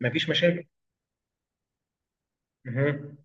مفيش مشاكل. مهم.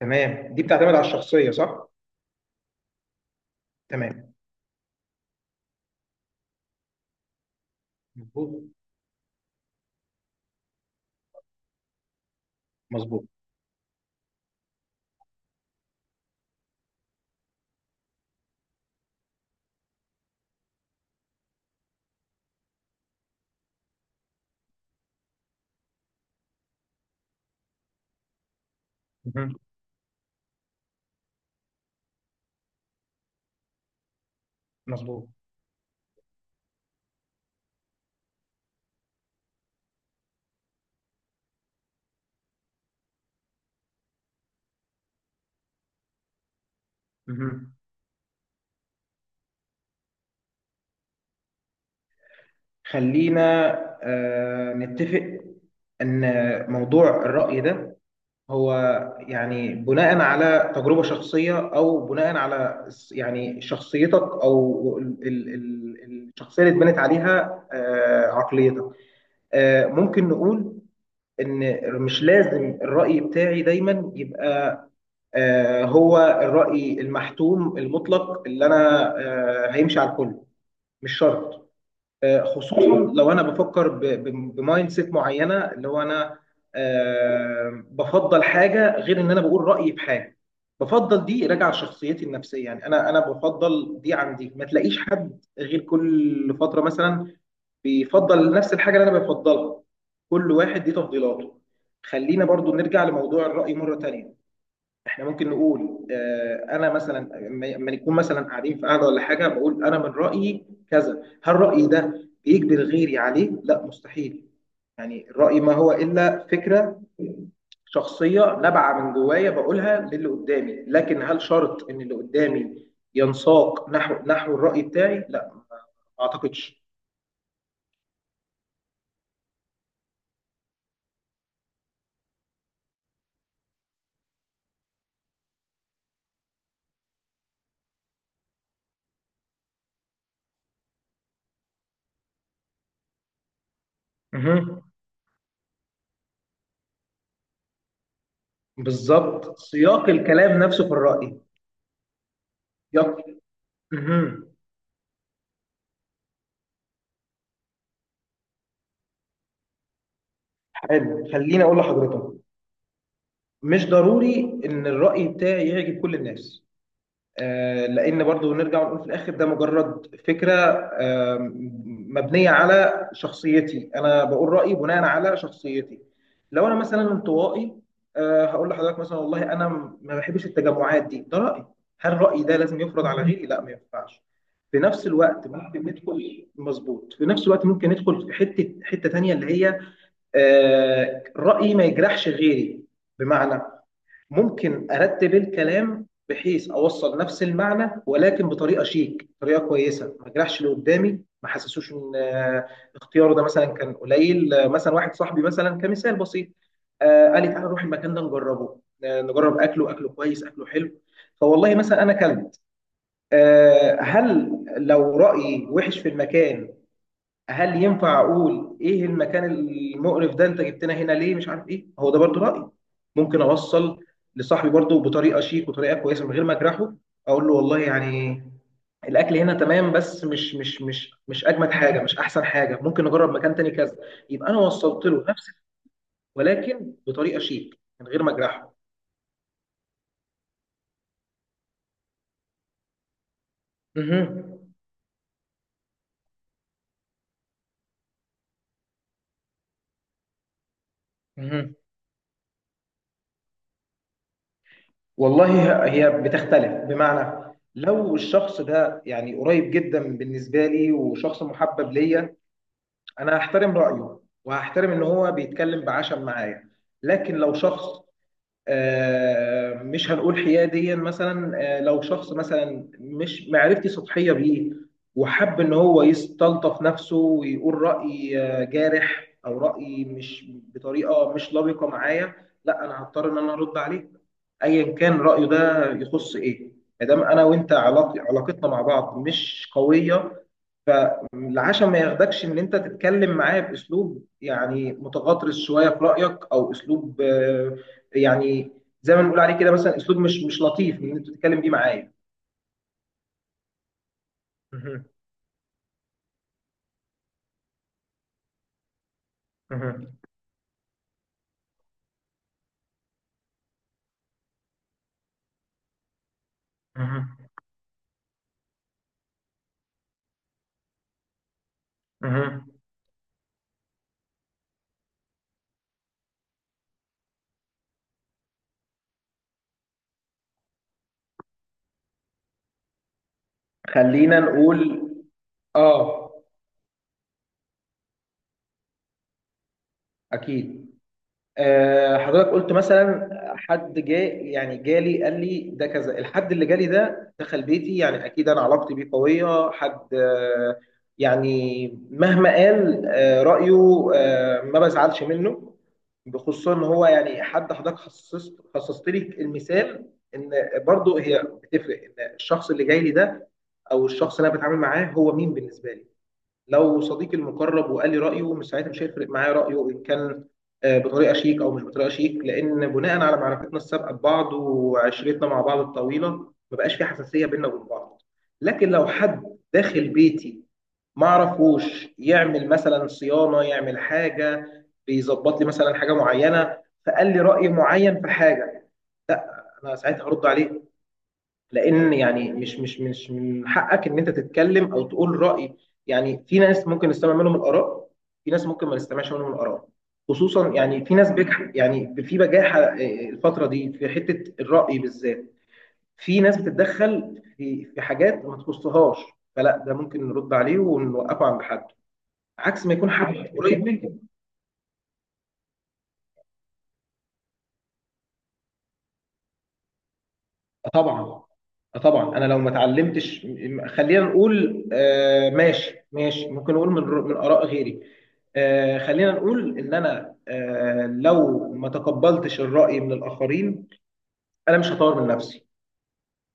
تمام، دي بتعتمد على الشخصية، صح؟ تمام. مظبوط، مظبوط. مهم. مظبوط. مهم. خلينا نتفق ان موضوع الرأي ده هو، يعني، بناء على تجربة شخصية او بناء على يعني شخصيتك او الشخصية اللي اتبنت عليها عقليتك. ممكن نقول ان مش لازم الرأي بتاعي دايما يبقى هو الرأي المحتوم المطلق اللي أنا هيمشي على الكل. مش شرط. خصوصا لو أنا بفكر بمايند سيت معينة، اللي هو أنا بفضل حاجة غير إن أنا بقول رأيي بحاجة. بفضل دي راجعة لشخصيتي النفسية. يعني أنا بفضل دي عن دي، ما تلاقيش حد غير كل فترة مثلا بيفضل نفس الحاجة اللي أنا بفضلها. كل واحد دي تفضيلاته. خلينا برضو نرجع لموضوع الرأي مرة تانية. احنا ممكن نقول، انا مثلا لما نكون مثلا قاعدين في قعده ولا حاجه، بقول انا من رايي كذا. هل رايي ده بيجبر غيري عليه؟ لا، مستحيل. يعني الراي ما هو الا فكره شخصيه نابعه من جوايا، بقولها للي قدامي. لكن هل شرط ان اللي قدامي ينساق نحو الراي بتاعي؟ لا، ما اعتقدش. مهم. بالظبط، سياق الكلام نفسه في الراي. يق- مهم. حلو، خليني اقول لحضرتك، مش ضروري ان الرأي بتاعي يعجب كل الناس. لان برضو نرجع ونقول في الاخر ده مجرد فكرة، مبنية على شخصيتي. انا بقول رأيي بناء على شخصيتي. لو انا مثلا انطوائي، هقول لحضرتك مثلا والله انا ما بحبش التجمعات دي، ده رأيي. هل رأيي ده لازم يفرض على غيري؟ لا، ما ينفعش. في نفس الوقت ممكن ندخل. مظبوط. في نفس الوقت ممكن ندخل في حتة تانية، اللي هي رأيي ما يجرحش غيري. بمعنى، ممكن ارتب الكلام بحيث اوصل نفس المعنى، ولكن بطريقه شيك، طريقه كويسه، ما اجرحش اللي قدامي، ما حسسوش ان اختياره ده مثلا كان قليل. مثلا واحد صاحبي، مثلا كمثال بسيط، قال لي تعالى نروح المكان ده نجربه، نجرب اكله، اكله كويس، اكله حلو. فوالله مثلا انا كلت. هل لو رايي وحش في المكان، هل ينفع اقول ايه المكان المقرف ده، انت جبتنا هنا ليه، مش عارف ايه، هو ده برضو رايي. ممكن اوصل لصاحبي برضو بطريقه شيك وطريقه كويسه، من غير ما اجرحه. اقول له والله يعني الاكل هنا تمام، بس مش اجمد حاجه، مش احسن حاجه، ممكن نجرب مكان تاني كذا. يبقى انا وصلت له نفس، ولكن بطريقه شيك من غير ما اجرحه. مهم. مهم. والله، هي بتختلف بمعنى، لو الشخص ده يعني قريب جدا بالنسبه لي وشخص محبب ليا، انا هحترم رايه، وهحترم ان هو بيتكلم بعشم معايا. لكن لو شخص، مش هنقول حnenيا مثلا، لو شخص مثلا مش معرفتي سطحيه بيه، وحب ان هو يستلطف نفسه ويقول راي جارح، او راي مش بطريقه، مش لبقه معايا. لا، انا هضطر ان انا ارد عليه، ايا كان رايه ده يخص ايه، ما دام انا وانت علاقتنا مع بعض مش قويه. العشاء ما ياخدكش ان انت تتكلم معاه باسلوب يعني متغطرس شويه في رايك، او اسلوب، يعني زي ما بنقول عليه كده مثلا، اسلوب مش لطيف ان انت تتكلم بيه معاه. مهم. مهم. مهم. مهم. خلينا نقول. اه، اكيد. حضرتك قلت مثلا حد جاي، يعني جالي قال لي ده كذا. الحد اللي جالي ده دخل بيتي، يعني اكيد انا علاقتي بيه قويه. حد، يعني مهما قال رايه، ما بزعلش منه. بخصوصا ان هو يعني حد، حضرتك خصصت لي المثال ان برضو هي بتفرق، ان الشخص اللي جاي لي ده او الشخص اللي انا بتعامل معاه هو مين بالنسبه لي. لو صديقي المقرب وقال لي رأيه، مش ساعتها مش هيفرق معايا رأيه إن كان بطريقة شيك أو مش بطريقة شيك، لأن بناء على معرفتنا السابقة ببعض وعشرتنا مع بعض الطويلة، ما بقاش في حساسية بيننا وبين بعض. لكن لو حد داخل بيتي ما أعرفوش، يعمل مثلا صيانة، يعمل حاجة، بيظبط لي مثلا حاجة معينة، فقال لي رأي معين في حاجة، لا، أنا ساعتها هرد عليه. لان يعني مش من حقك ان انت تتكلم او تقول راي. يعني في ناس ممكن نستمع منهم الاراء، في ناس ممكن ما نستمعش منهم الاراء. خصوصا يعني في ناس بجح، يعني في بجاحه الفتره دي في حته الراي بالذات. في ناس بتتدخل في حاجات ما تخصهاش، فلا، ده ممكن نرد عليه ونوقفه عند حد، عكس ما يكون حد قريب منك. طبعا، طبعا. انا لو ما اتعلمتش، خلينا نقول ماشي ماشي، ممكن نقول من اراء غيري. خلينا نقول ان انا، لو ما تقبلتش الراي من الاخرين، انا مش هطور من نفسي.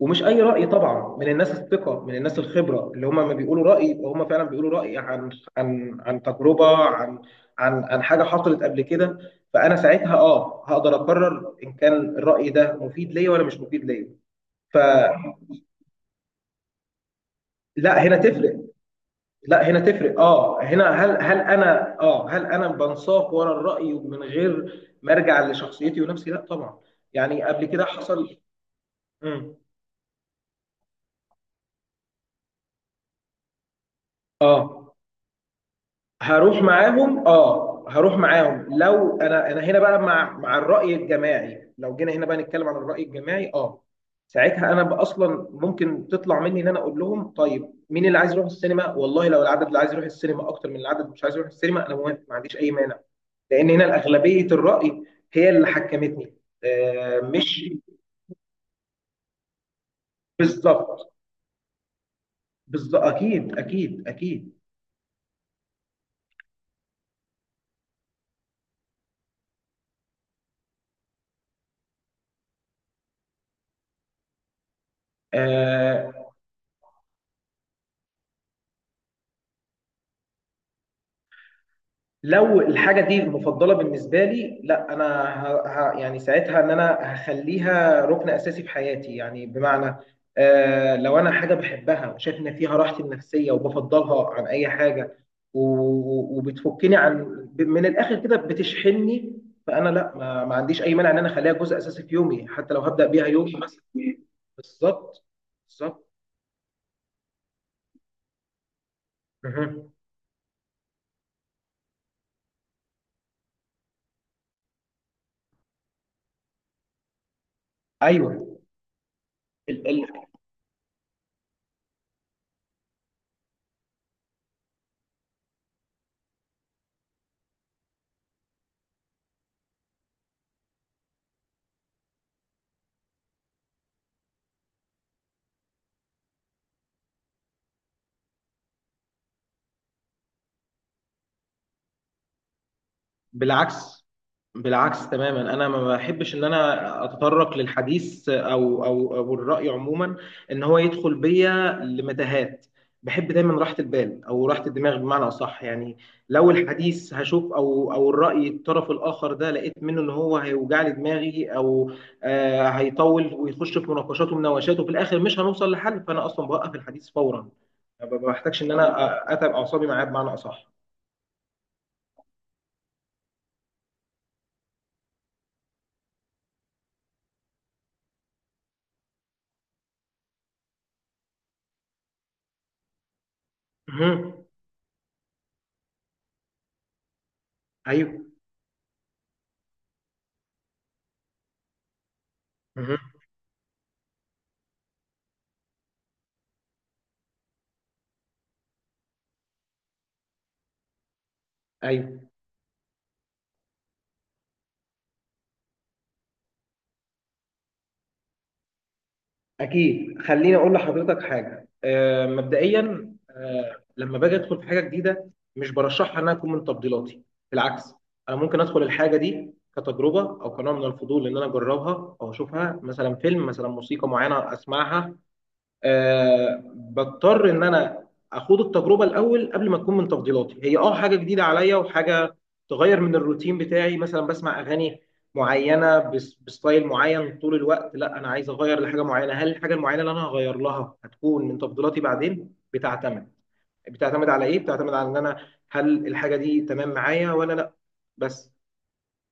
ومش اي راي طبعا، من الناس الثقه، من الناس الخبره، اللي هم ما بيقولوا راي يبقى هم فعلا بيقولوا راي عن تجربه، عن حاجه حصلت قبل كده. فانا ساعتها، هقدر اقرر ان كان الراي ده مفيد ليا ولا مش مفيد ليا. ف لا، هنا تفرق، لا، هنا تفرق. اه هنا، هل انا، هل انا بنساق ورا الرأي، ومن غير ما ارجع لشخصيتي ونفسي؟ لا، طبعا. يعني قبل كده حصل. مم. اه، هروح معاهم، اه، هروح معاهم. لو انا هنا بقى مع الرأي الجماعي، لو جينا هنا بقى نتكلم عن الرأي الجماعي. اه ساعتها انا بقى اصلا ممكن تطلع مني ان انا اقول لهم طيب مين اللي عايز يروح السينما؟ والله لو العدد اللي عايز يروح السينما اكتر من العدد مش عايز يروح السينما، انا موافق، ما عنديش اي مانع. لان هنا الاغلبيه الراي هي اللي حكمتني. مش بالظبط، بالظبط، اكيد، اكيد، اكيد. آه، لو الحاجه دي مفضله بالنسبه لي، لا انا، يعني ساعتها ان انا هخليها ركن اساسي في حياتي، يعني بمعنى، لو انا حاجه بحبها وشايف ان فيها راحتي النفسيه وبفضلها عن اي حاجه، و... وبتفكني عن، من الاخر كده بتشحنني. فانا لا، ما عنديش اي مانع ان انا اخليها جزء اساسي في يومي، حتى لو هبدا بيها يومي مثلا. بالظبط، بالظبط. مهم. ايوه. بالعكس، بالعكس تماما. انا ما بحبش ان انا اتطرق للحديث او الراي عموما، ان هو يدخل بيا لمتاهات. بحب دايما راحه البال او راحه الدماغ بمعنى اصح. يعني لو الحديث هشوف او الراي الطرف الاخر ده، لقيت منه ان هو هيوجع لي دماغي، او هيطول ويخش في مناقشات ومناوشات، وفي الاخر مش هنوصل لحل، فانا اصلا بوقف الحديث فورا. ما بحتاجش ان انا اتعب اعصابي معاه بمعنى اصح. مهم. ايوه. مهم. ايوه. اكيد. خليني اقول لحضرتك حاجه، مبدئيا، لما باجي ادخل في حاجه جديده، مش برشحها انها تكون من تفضيلاتي. بالعكس، انا ممكن ادخل الحاجه دي كتجربه او كنوع من الفضول، ان انا اجربها او اشوفها، مثلا فيلم، مثلا موسيقى معينه اسمعها. بضطر ان انا اخوض التجربه الاول قبل ما تكون من تفضيلاتي. هي حاجه جديده عليا وحاجه تغير من الروتين بتاعي. مثلا بسمع اغاني معينه، بستايل معين طول الوقت، لا انا عايز اغير لحاجه معينه. هل الحاجه المعينه اللي انا هغير لها هتكون من تفضيلاتي بعدين؟ بتعتمد على ايه؟ بتعتمد على ان انا، هل الحاجه دي تمام معايا ولا لا. بس